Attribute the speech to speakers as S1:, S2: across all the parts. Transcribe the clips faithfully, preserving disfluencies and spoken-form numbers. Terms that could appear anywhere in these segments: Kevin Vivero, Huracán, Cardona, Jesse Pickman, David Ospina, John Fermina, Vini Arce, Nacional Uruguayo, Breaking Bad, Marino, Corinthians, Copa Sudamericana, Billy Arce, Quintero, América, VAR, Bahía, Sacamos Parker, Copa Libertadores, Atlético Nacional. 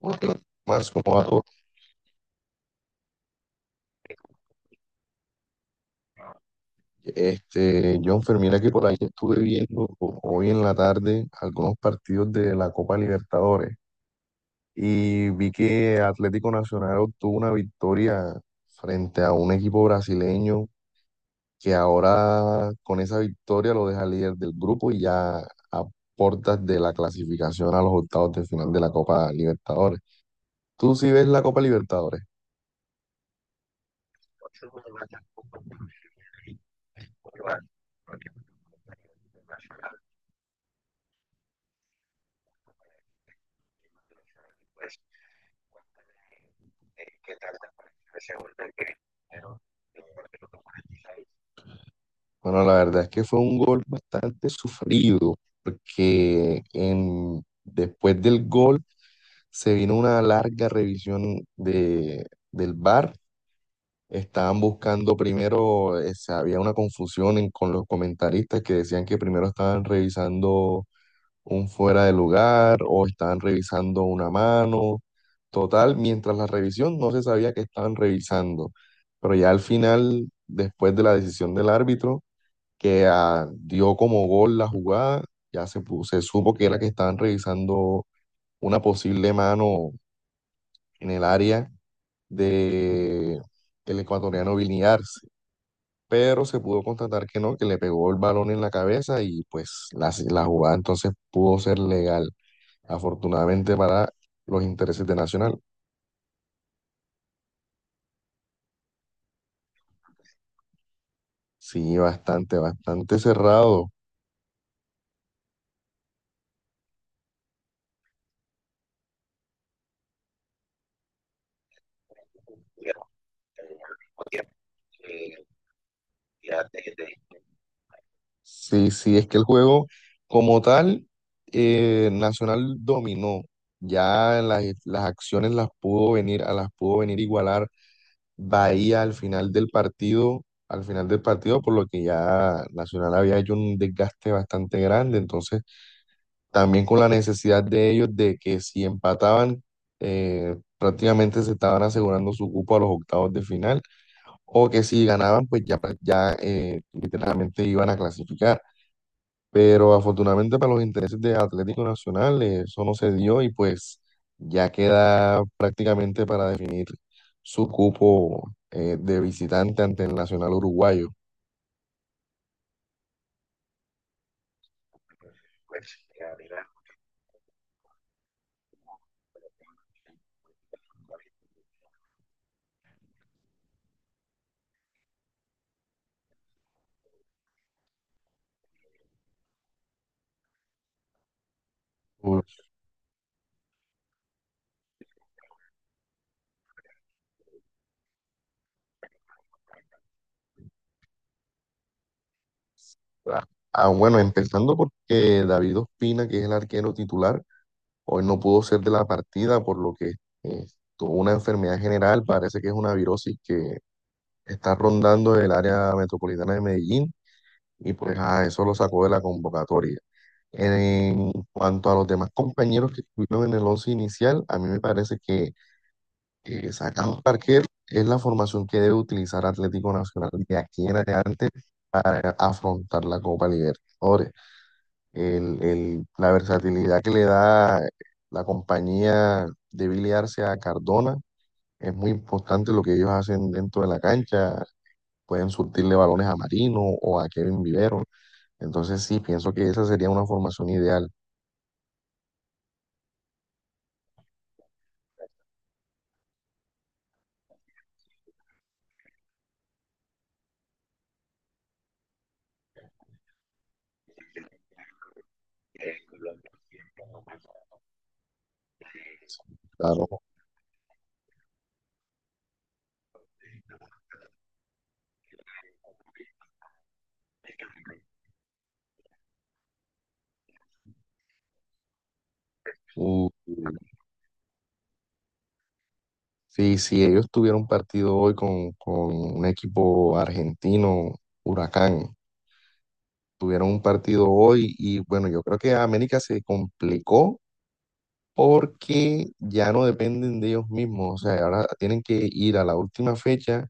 S1: Otro más como dato, este, John Fermina, que por ahí estuve viendo ho- hoy en la tarde algunos partidos de la Copa Libertadores y vi que Atlético Nacional obtuvo una victoria frente a un equipo brasileño que ahora con esa victoria lo deja líder del grupo y ya a puertas de la clasificación a los octavos de final de la Copa Libertadores. ¿Tú sí ves la Copa Libertadores? Ese gol del primero, el gol del minuto cuarenta y seis. Bueno, la verdad es que fue un gol bastante sufrido, porque en, después del gol se vino una larga revisión de, del VAR. Estaban buscando primero, eh, se- había una confusión en- con los comentaristas que decían que primero estaban revisando un fuera de lugar o estaban revisando una mano. Total, mientras la revisión no se sabía que estaban revisando, pero ya al final, después de la decisión del árbitro, que ah, dio como gol la jugada, ya se, pu- se supo que era que estaban revisando una posible mano en el área de el ecuatoriano Vini Arce, pero se pudo constatar que no, que le pegó el balón en la cabeza y pues la, la jugada entonces pudo ser legal. Afortunadamente para los intereses de Nacional. Sí, bastante, bastante cerrado. Sí, sí, es que el juego como tal, eh, Nacional dominó. Ya las, las acciones las pudo venir, a las pudo venir igualar Bahía al final del partido, al final del partido, por lo que ya Nacional había hecho un desgaste bastante grande. Entonces, también con la necesidad de ellos de que si empataban, eh, prácticamente se estaban asegurando su cupo a los octavos de final, o que si ganaban, pues ya, pra- ya eh, literalmente iban a clasificar. Pero afortunadamente para los intereses de Atlético Nacional eh, eso no se dio y pues ya queda prácticamente para definir su cupo eh, de visitante ante el Nacional Uruguayo. Uf, ah, ah, bueno, empezando porque David Ospina, que es el arquero titular, hoy no pudo ser de la partida por lo que eh, tuvo una enfermedad general, parece que es una virosis que está rondando el área metropolitana de Medellín y pues a eso lo sacó de la convocatoria. En cuanto a los demás compañeros que estuvieron en el once inicial, a mí me parece que eh, Sacamos Parker es la formación que debe utilizar Atlético Nacional de aquí en adelante para afrontar la Copa Libertadores. El- el- la versatilidad que le da la compañía de Billy Arce a Cardona es muy importante lo que ellos hacen dentro de la cancha. Pueden surtirle balones a Marino o a Kevin Vivero. Entonces sí, pienso que esa sería una formación ideal. Claro. Uh, sí, si ellos tuvieran un partido hoy con, con un equipo argentino, Huracán, tuvieron un partido hoy y bueno, yo creo que América se complicó porque ya no dependen de ellos mismos. O sea, ahora tienen que ir a la última fecha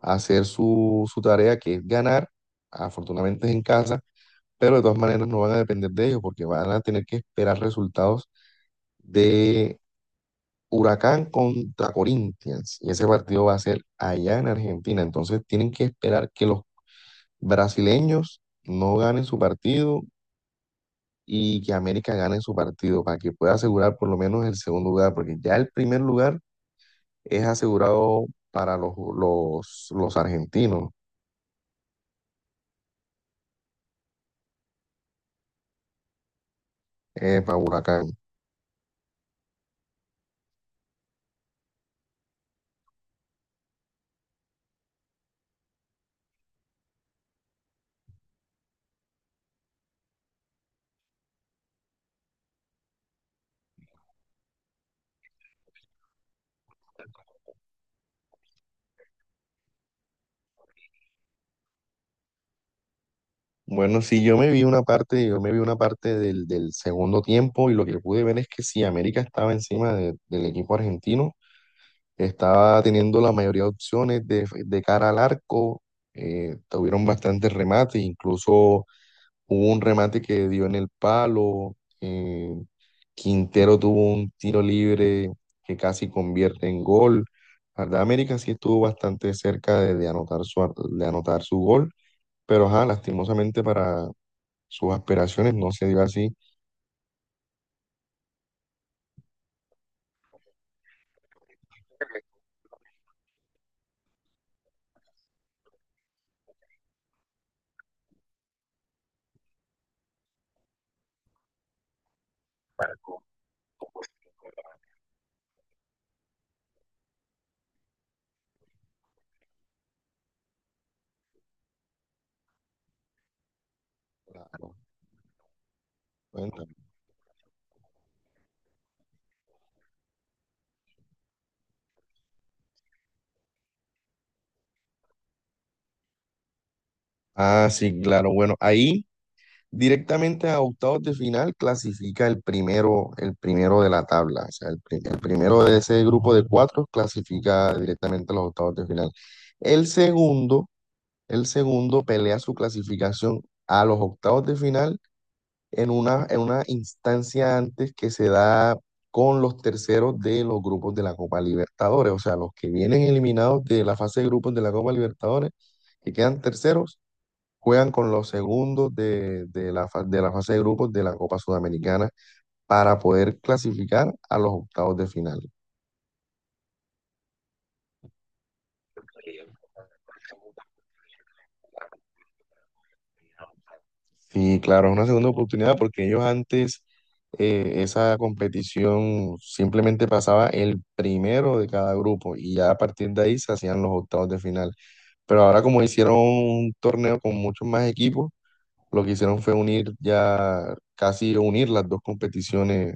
S1: a hacer su, su tarea, que es ganar. Afortunadamente es en casa, pero de todas maneras no van a depender de ellos porque van a tener que esperar resultados de Huracán contra Corinthians y ese partido va a ser allá en Argentina. Entonces tienen que esperar que los brasileños no ganen su partido y que América gane su partido para que pueda asegurar por lo menos el segundo lugar, porque ya el primer lugar es asegurado para los, los, los argentinos, eh, para Huracán. Bueno, sí, yo me vi una parte, yo me vi una parte del, del segundo tiempo y lo que pude ver es que sí, América estaba encima de- del equipo argentino. Estaba teniendo la mayoría de opciones de, de cara al arco. eh, tuvieron bastantes remates, incluso hubo un remate que dio en el palo. eh, Quintero tuvo un tiro libre que casi convierte en gol. La verdad, América sí estuvo bastante cerca de, de anotar su, ar- de anotar su gol, pero ajá, lastimosamente para sus aspiraciones no se dio así. Cuenta. Ah, sí, claro. Bueno, ahí, directamente a octavos de final clasifica el primero, el primero de la tabla, o sea, el, pri- el primero de ese grupo de cuatro clasifica directamente a los octavos de final. El segundo, el segundo pelea su clasificación a los octavos de final en una, en una instancia antes que se da con los terceros de los grupos de la Copa Libertadores, o sea, los que vienen eliminados de la fase de grupos de la Copa Libertadores, que quedan terceros juegan con los segundos de, de la, fa- de la fase de grupos de la Copa Sudamericana para poder clasificar a los octavos de final. Sí, claro, es una segunda oportunidad porque ellos antes eh, esa competición simplemente pasaba el primero de cada grupo y ya a partir de ahí se hacían los octavos de final. Pero ahora como hicieron un torneo con muchos más equipos, lo que hicieron fue unir ya, casi unir las dos competiciones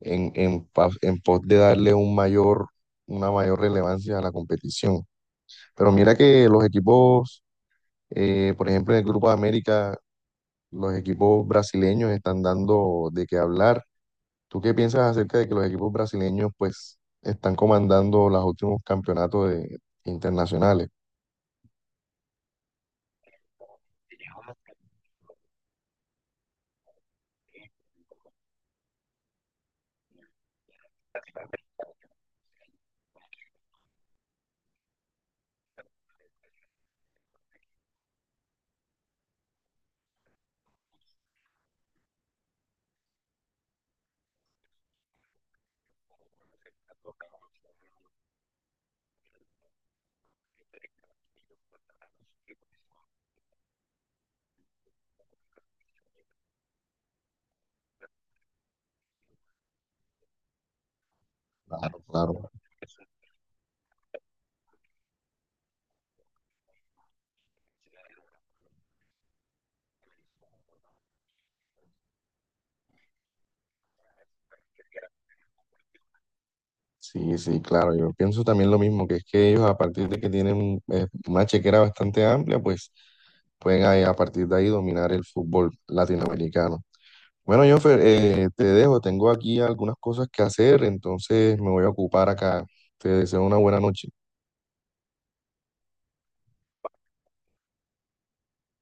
S1: en, en, pa- en pos de darle un mayor, una mayor relevancia a la competición. Pero mira que los equipos, eh, por ejemplo, en el Grupo de América, los equipos brasileños están dando de qué hablar. ¿Tú qué piensas acerca de que los equipos brasileños pues están comandando los últimos campeonatos de- internacionales? Claro, claro. Sí, sí, claro, yo pienso también lo mismo, que es que ellos a partir de que tienen eh, una chequera bastante amplia, pues pueden ahí- a partir de ahí dominar el fútbol latinoamericano. Bueno, Jonfer, eh, te dejo, tengo aquí algunas cosas que hacer, entonces me voy a ocupar acá. Te deseo una buena noche.